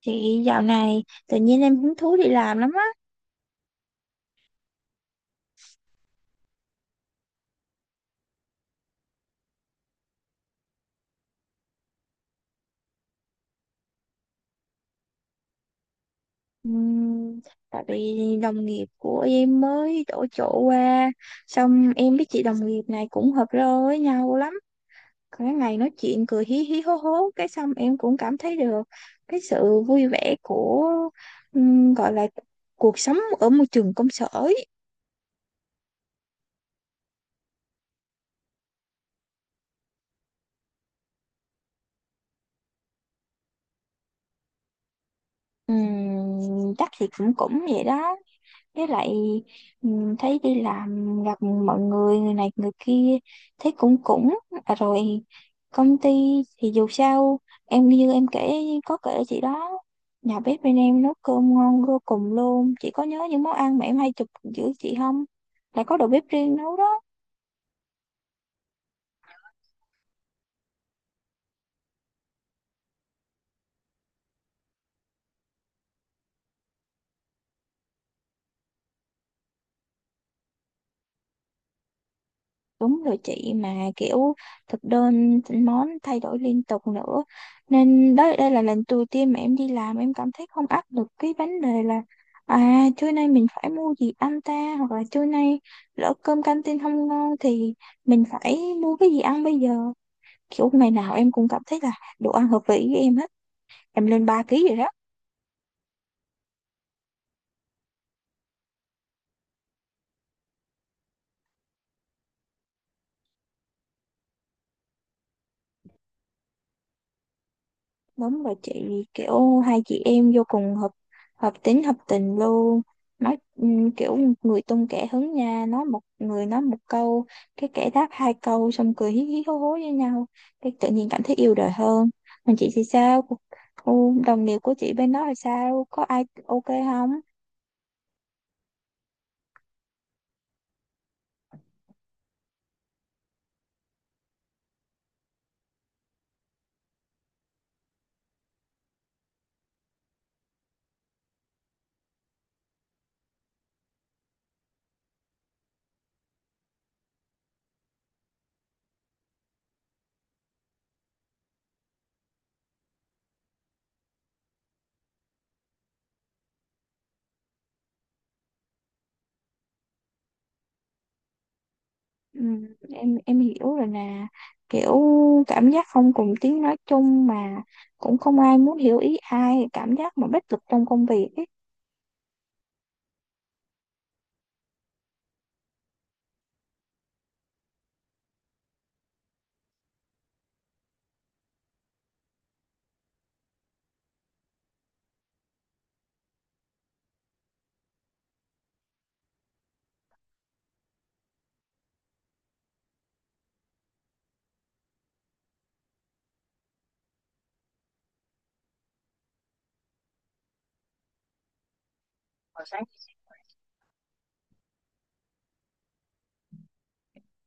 Chị, dạo này tự nhiên em hứng thú đi làm lắm á. Ừm, Tại vì đồng nghiệp của em mới đổi chỗ qua. Xong em với chị đồng nghiệp này cũng hợp rơ với nhau lắm. Cái ngày nói chuyện cười hí hí hố hố, cái xong em cũng cảm thấy được cái sự vui vẻ của, gọi là cuộc sống ở môi trường công sở ấy. Ừm, chắc thì cũng cũng vậy đó. Với lại thấy đi làm gặp mọi người, người này người kia, thấy cũng cũng à, rồi công ty thì dù sao em như em kể, có kể chị đó, nhà bếp bên em nấu cơm ngon vô cùng luôn. Chị có nhớ những món ăn mà em hay chụp giữa chị không? Lại có đầu bếp riêng nấu đó. Đúng rồi chị, mà kiểu thực đơn món thay đổi liên tục nữa, nên đó đây là lần đầu tiên mà em đi làm em cảm thấy không áp lực cái vấn đề là, à, trưa nay mình phải mua gì ăn ta, hoặc là trưa nay lỡ cơm canteen không ngon thì mình phải mua cái gì ăn bây giờ. Kiểu ngày nào em cũng cảm thấy là đồ ăn hợp vị với em hết. Em lên 3 kg rồi đó. Đúng rồi chị, kiểu hai chị em vô cùng hợp, hợp tính hợp tình luôn. Nói kiểu người tung kẻ hứng nha, nói một người nói một câu, cái kẻ đáp hai câu, xong cười hí hí hố hố với nhau, cái tự nhiên cảm thấy yêu đời hơn. Còn chị thì sao? Đồng nghiệp của chị bên đó là sao, có ai ok không? Ừm, em hiểu rồi nè, kiểu cảm giác không cùng tiếng nói chung, mà cũng không ai muốn hiểu ý ai, cảm giác mà bất lực trong công việc ấy.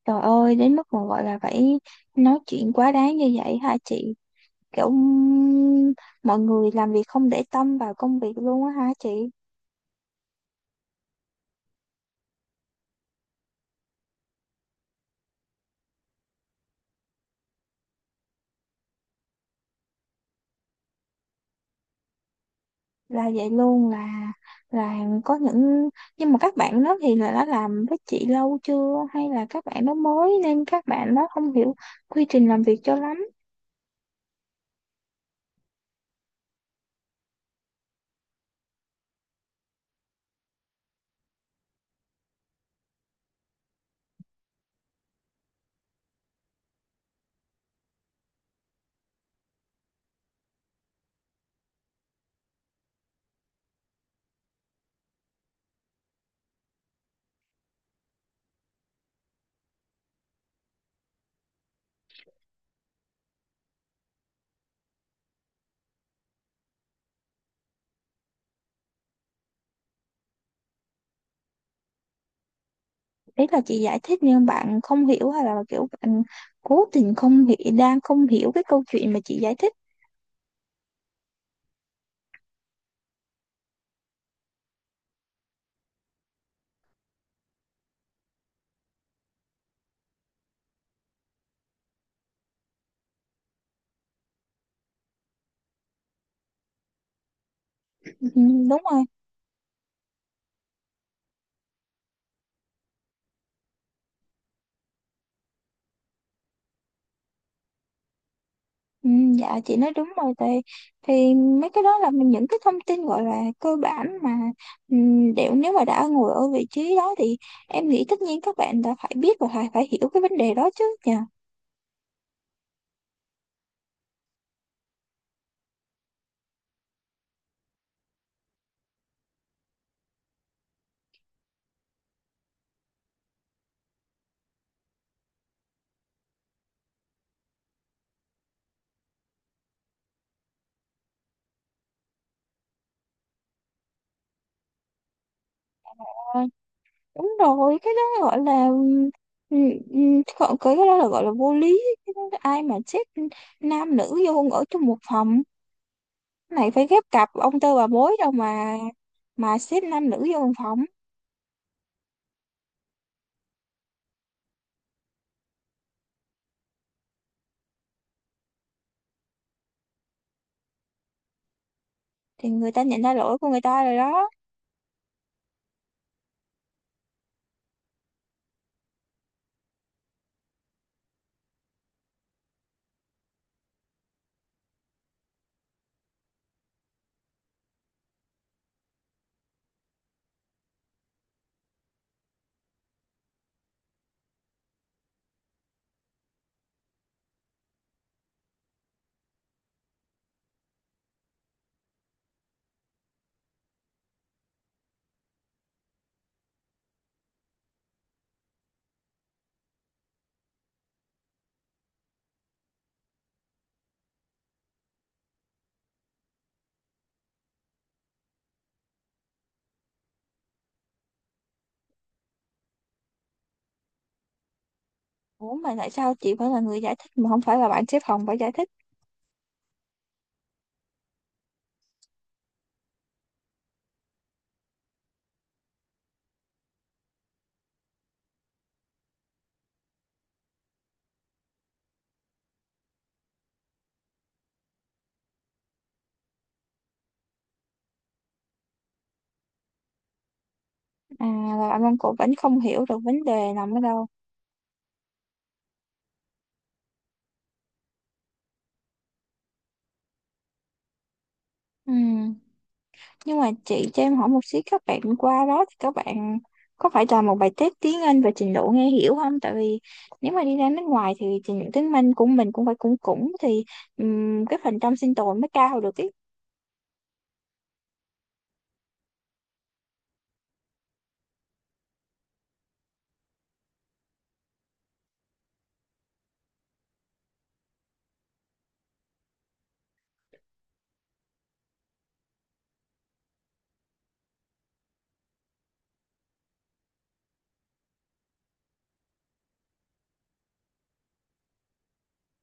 Trời ơi, đến mức mà gọi là phải nói chuyện quá đáng như vậy hả chị? Kiểu mọi người làm việc không để tâm vào công việc luôn á hả chị? Là vậy luôn, là có những, nhưng mà các bạn đó thì là đã làm với chị lâu chưa, hay là các bạn đó mới nên các bạn đó không hiểu quy trình làm việc cho lắm. Ý là chị giải thích nhưng bạn không hiểu, hay là kiểu bạn cố tình không hiểu, đang không hiểu cái câu chuyện mà chị giải thích. Ừ, đúng không? Ừ, dạ chị nói đúng rồi thì mấy cái đó là những cái thông tin gọi là cơ bản mà đều, nếu mà đã ngồi ở vị trí đó thì em nghĩ tất nhiên các bạn đã phải biết và phải phải hiểu cái vấn đề đó chứ nhỉ. Ờ, đúng rồi, cái đó gọi là, cái đó là gọi là vô lý. Là ai mà xếp nam nữ vô ở trong một phòng, này phải ghép cặp ông tơ bà mối đâu mà xếp nam nữ vô một phòng. Thì người ta nhận ra lỗi của người ta rồi đó. Ủa mà tại sao chị phải là người giải thích mà không phải là bạn xếp phòng phải giải thích? À, là bạn Văn Cổ vẫn không hiểu được vấn đề nằm ở đâu. Ừ. Nhưng mà chị cho em hỏi một xíu, các bạn qua đó thì các bạn có phải làm một bài test tiếng Anh về trình độ nghe hiểu không? Tại vì nếu mà đi ra nước ngoài thì trình độ tiếng Anh của mình cũng phải, cũng cũng thì cái phần trăm sinh tồn mới cao được ý.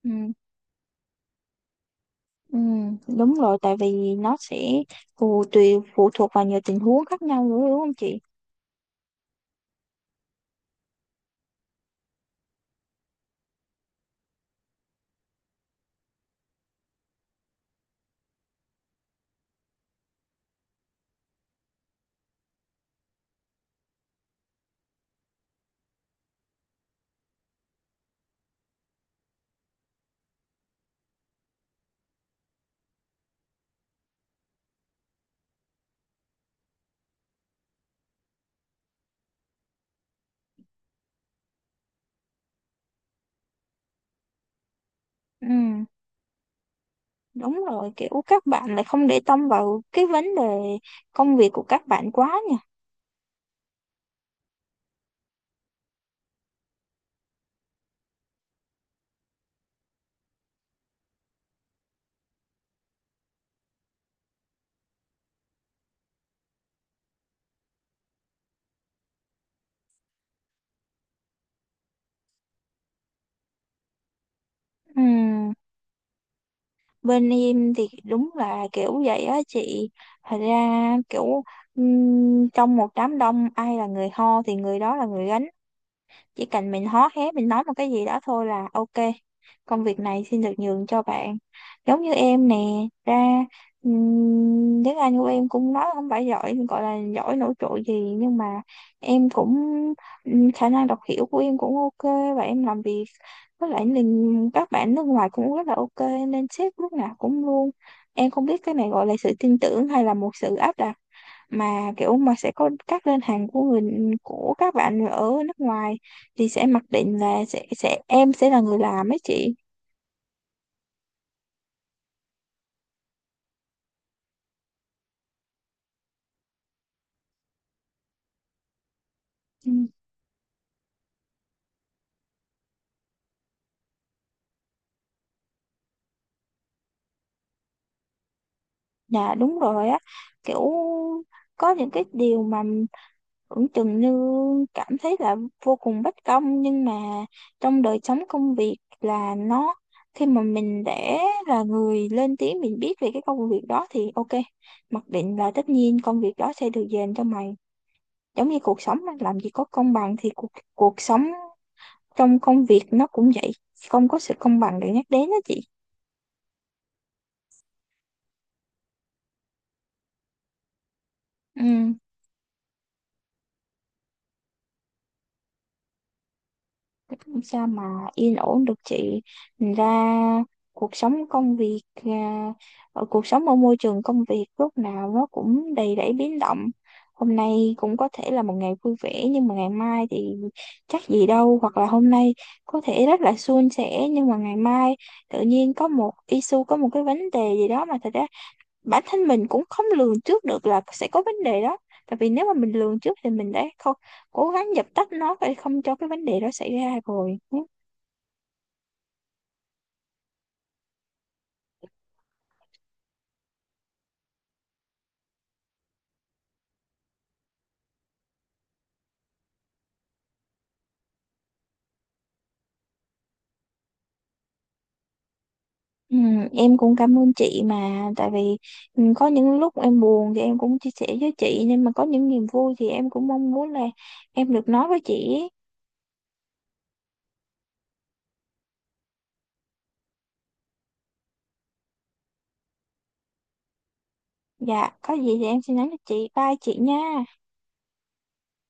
Ừ. Ừ, đúng rồi, tại vì nó sẽ phụ, tùy phụ thuộc vào nhiều tình huống khác nhau nữa, đúng không chị? Ừ. Đúng rồi, kiểu các bạn lại không để tâm vào cái vấn đề công việc của các bạn quá nha. Ừm, bên em thì đúng là kiểu vậy á chị. Thật ra kiểu trong một đám đông ai là người ho thì người đó là người gánh. Chỉ cần mình hó hé mình nói một cái gì đó thôi là ok, công việc này xin được nhường cho bạn. Giống như em nè, ra tiếng Anh của em cũng nói không phải giỏi, gọi là giỏi nổi trội gì nhưng mà em cũng khả năng đọc hiểu của em cũng ok. Và em làm việc với lại mình các bạn nước ngoài cũng rất là ok, nên sếp lúc nào cũng luôn, em không biết cái này gọi là sự tin tưởng hay là một sự áp đặt, mà kiểu mà sẽ có các đơn hàng của người, của các bạn ở nước ngoài thì sẽ mặc định là sẽ em sẽ là người làm ấy chị. Ừ. Dạ đúng rồi á, kiểu có những cái điều mà tưởng chừng như cảm thấy là vô cùng bất công, nhưng mà trong đời sống công việc là nó, khi mà mình để là người lên tiếng mình biết về cái công việc đó thì ok, mặc định là tất nhiên công việc đó sẽ được dành cho mày. Giống như cuộc sống á, làm gì có công bằng thì cuộc cuộc sống trong công việc nó cũng vậy, không có sự công bằng để nhắc đến đó chị. Ừ, sao mà yên ổn được chị? Thành ra cuộc sống công việc à, ở cuộc sống, ở môi trường công việc lúc nào nó cũng đầy rẫy biến động. Hôm nay cũng có thể là một ngày vui vẻ nhưng mà ngày mai thì chắc gì đâu, hoặc là hôm nay có thể rất là suôn sẻ nhưng mà ngày mai tự nhiên có một issue, có một cái vấn đề gì đó mà thật ra bản thân mình cũng không lường trước được là sẽ có vấn đề đó. Tại vì nếu mà mình lường trước thì mình đã không cố gắng dập tắt nó để không cho cái vấn đề đó xảy ra rồi. Ừ, em cũng cảm ơn chị, mà tại vì có những lúc em buồn thì em cũng chia sẻ với chị, nhưng mà có những niềm vui thì em cũng mong muốn là em được nói với chị ấy. Dạ có gì thì em sẽ nhắn cho chị, bye chị nha.